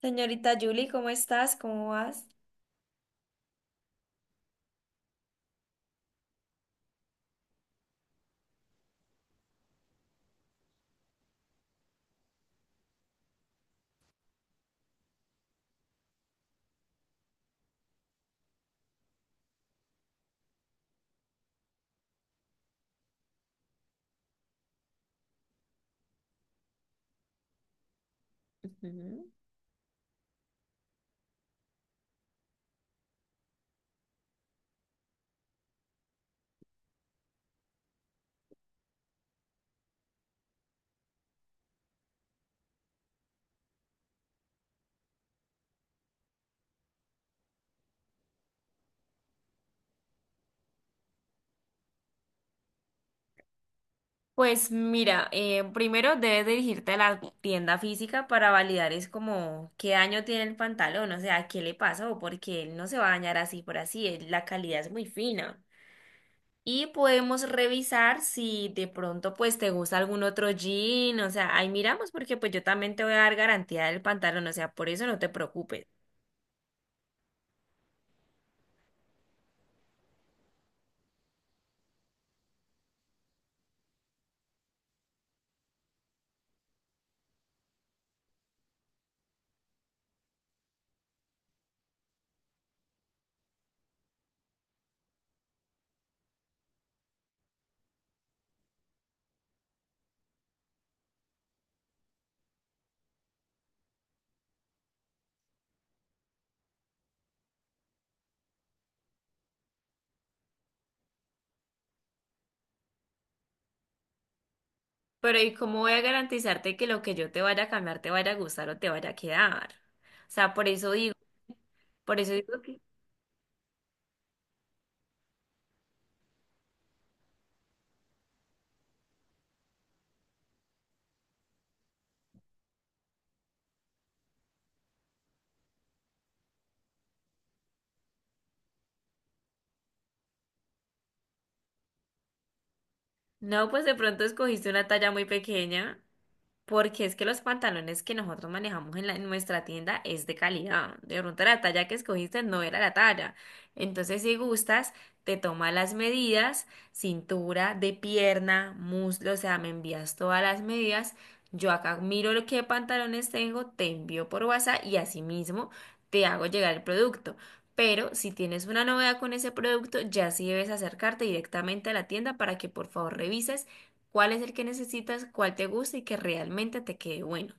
Señorita Julie, ¿cómo estás? ¿Cómo vas? Pues mira, primero debes dirigirte a la tienda física para validar es como qué daño tiene el pantalón, o sea, qué le pasó, porque él no se va a dañar así por así, él- la calidad es muy fina. Y podemos revisar si de pronto pues te gusta algún otro jean, o sea, ahí miramos porque pues yo también te voy a dar garantía del pantalón, o sea, por eso no te preocupes. Pero ¿y cómo voy a garantizarte que lo que yo te vaya a cambiar te vaya a gustar o te vaya a quedar? O sea, por eso. Por eso digo que no, pues de pronto escogiste una talla muy pequeña, porque es que los pantalones que nosotros manejamos en, la- en nuestra tienda es de calidad. De pronto la talla que escogiste no era la talla. Entonces, si gustas, te toma las medidas, cintura, de pierna, muslo, o sea, me envías todas las medidas. Yo acá miro lo que pantalones tengo, te envío por WhatsApp y asimismo te hago llegar el producto. Pero si tienes una novedad con ese producto, ya sí debes acercarte directamente a la tienda para que por favor revises cuál es el que necesitas, cuál te gusta y que realmente te quede bueno.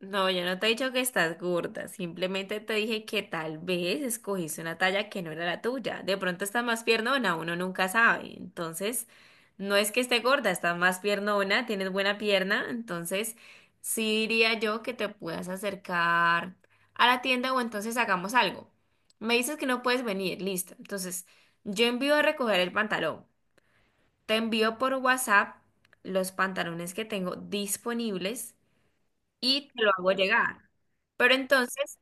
No, yo no te he dicho que estás gorda, simplemente te dije que tal vez escogiste una talla que no era la tuya. De pronto estás más piernona, uno nunca sabe. Entonces, no es que esté gorda, estás más piernona, tienes buena pierna, entonces sí diría yo que te puedas acercar a la tienda o entonces hagamos algo. Me dices que no puedes venir, listo. Entonces, yo envío a recoger el pantalón. Te envío por WhatsApp los pantalones que tengo disponibles y te lo hago llegar. Pero entonces,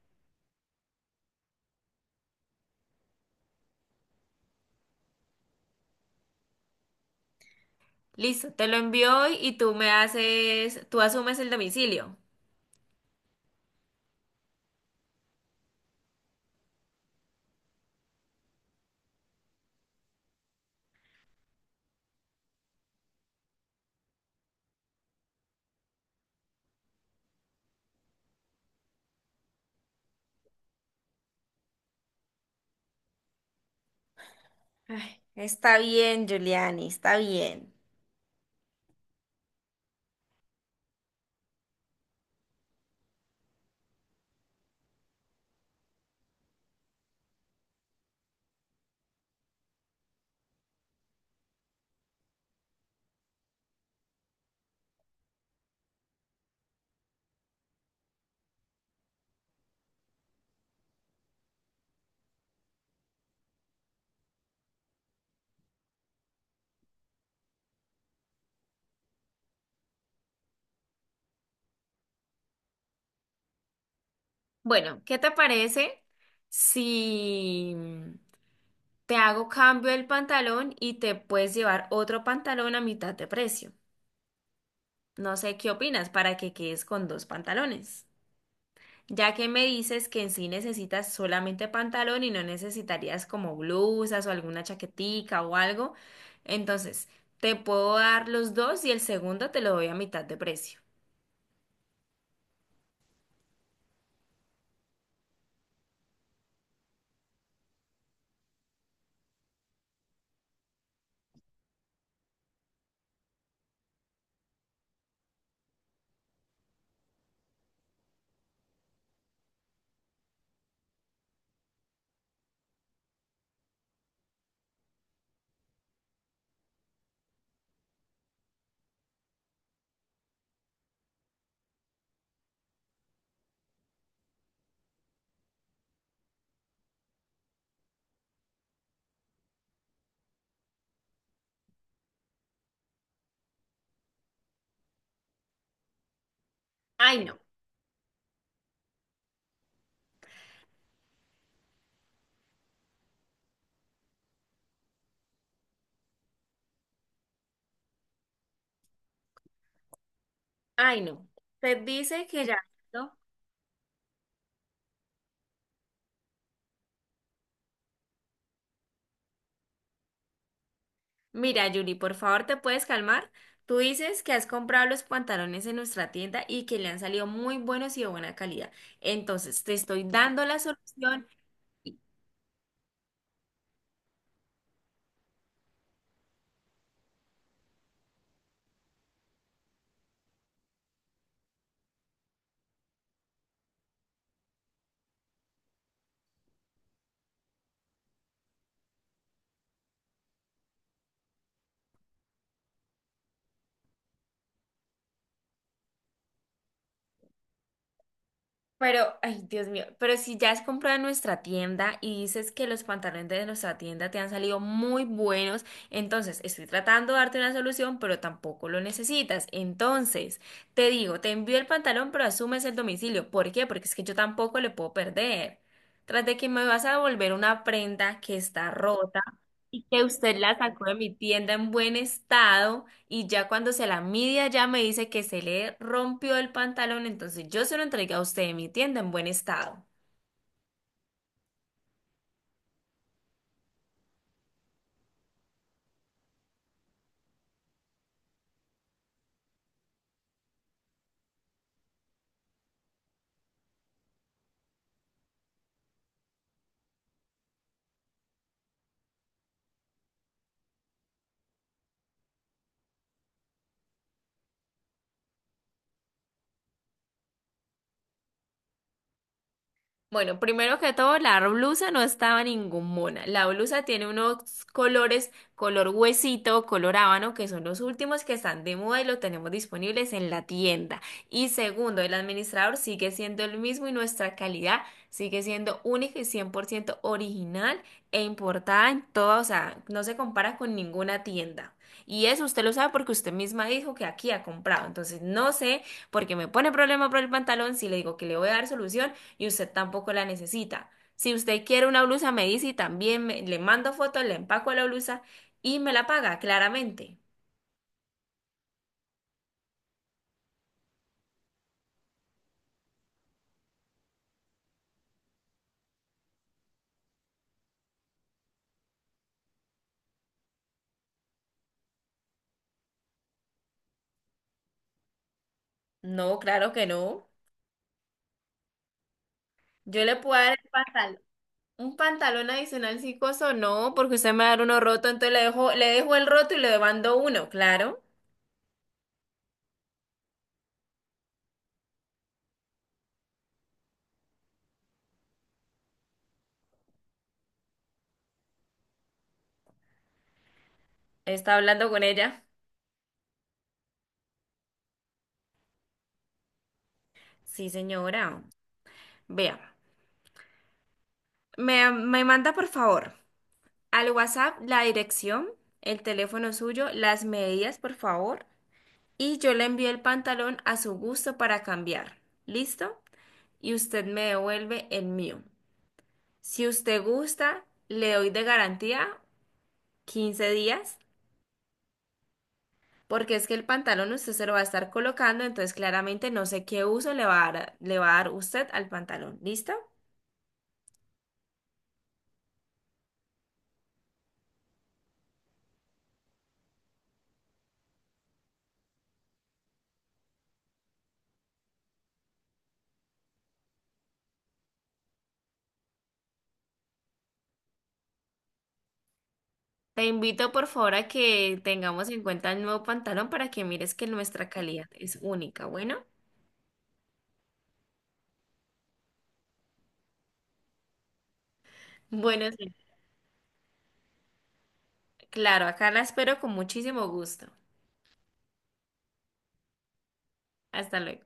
listo, te lo envío hoy y tú me haces, tú asumes el domicilio. Ay, está bien, Giuliani, está bien. Bueno, ¿qué te parece si te hago cambio el pantalón y te puedes llevar otro pantalón a mitad de precio? No sé qué opinas para que quedes con dos pantalones. Ya que me dices que en sí necesitas solamente pantalón y no necesitarías como blusas o alguna chaquetica o algo, entonces te puedo dar los dos y el segundo te lo doy a mitad de precio. Ay, no, ay, no. Te dice que ya. ¿No? Mira, Yuri, por favor, ¿te puedes calmar? Tú dices que has comprado los pantalones en nuestra tienda y que le han salido muy buenos y de buena calidad. Entonces, te estoy dando la solución. Pero, ay, Dios mío, pero si ya has comprado en nuestra tienda y dices que los pantalones de nuestra tienda te han salido muy buenos, entonces estoy tratando de darte una solución, pero tampoco lo necesitas. Entonces, te digo, te envío el pantalón, pero asumes el domicilio. ¿Por qué? Porque es que yo tampoco le puedo perder. Tras de que me vas a devolver una prenda que está rota y que usted la sacó de mi tienda en buen estado y ya cuando se la mide ya me dice que se le rompió el pantalón, entonces yo se lo entregué a usted en mi tienda en buen estado. Bueno, primero que todo, la blusa no estaba ninguna. La blusa tiene unos colores, color huesito, color habano, que son los últimos que están de moda y los tenemos disponibles en la tienda. Y segundo, el administrador sigue siendo el mismo y nuestra calidad sigue siendo única y 100% original e importada en todo, o sea, no se compara con ninguna tienda. Y eso usted lo sabe porque usted misma dijo que aquí ha comprado. Entonces, no sé por qué me pone problema por el pantalón si le digo que le voy a dar solución y usted tampoco la necesita. Si usted quiere una blusa, me dice y también me- le mando fotos, le empaco la blusa y me la paga, claramente. No, claro que no. Yo le puedo dar el pantalón. Un pantalón adicional si coso, no, porque usted me va a dar uno roto, entonces le dejo el roto y le mando uno, claro. Está hablando con ella. Sí, señora. Vea, me manda por favor al WhatsApp la dirección, el teléfono suyo, las medidas, por favor. Y yo le envío el pantalón a su gusto para cambiar. ¿Listo? Y usted me devuelve el mío. Si usted gusta, le doy de garantía 15 días, porque es que el pantalón usted se lo va a estar colocando, entonces claramente no sé qué uso le va a dar, le va a dar usted al pantalón. ¿Listo? Te invito por favor a que tengamos en cuenta el nuevo pantalón para que mires que nuestra calidad es única. Bueno, bueno, sí. Claro, acá la espero con muchísimo gusto. Hasta luego.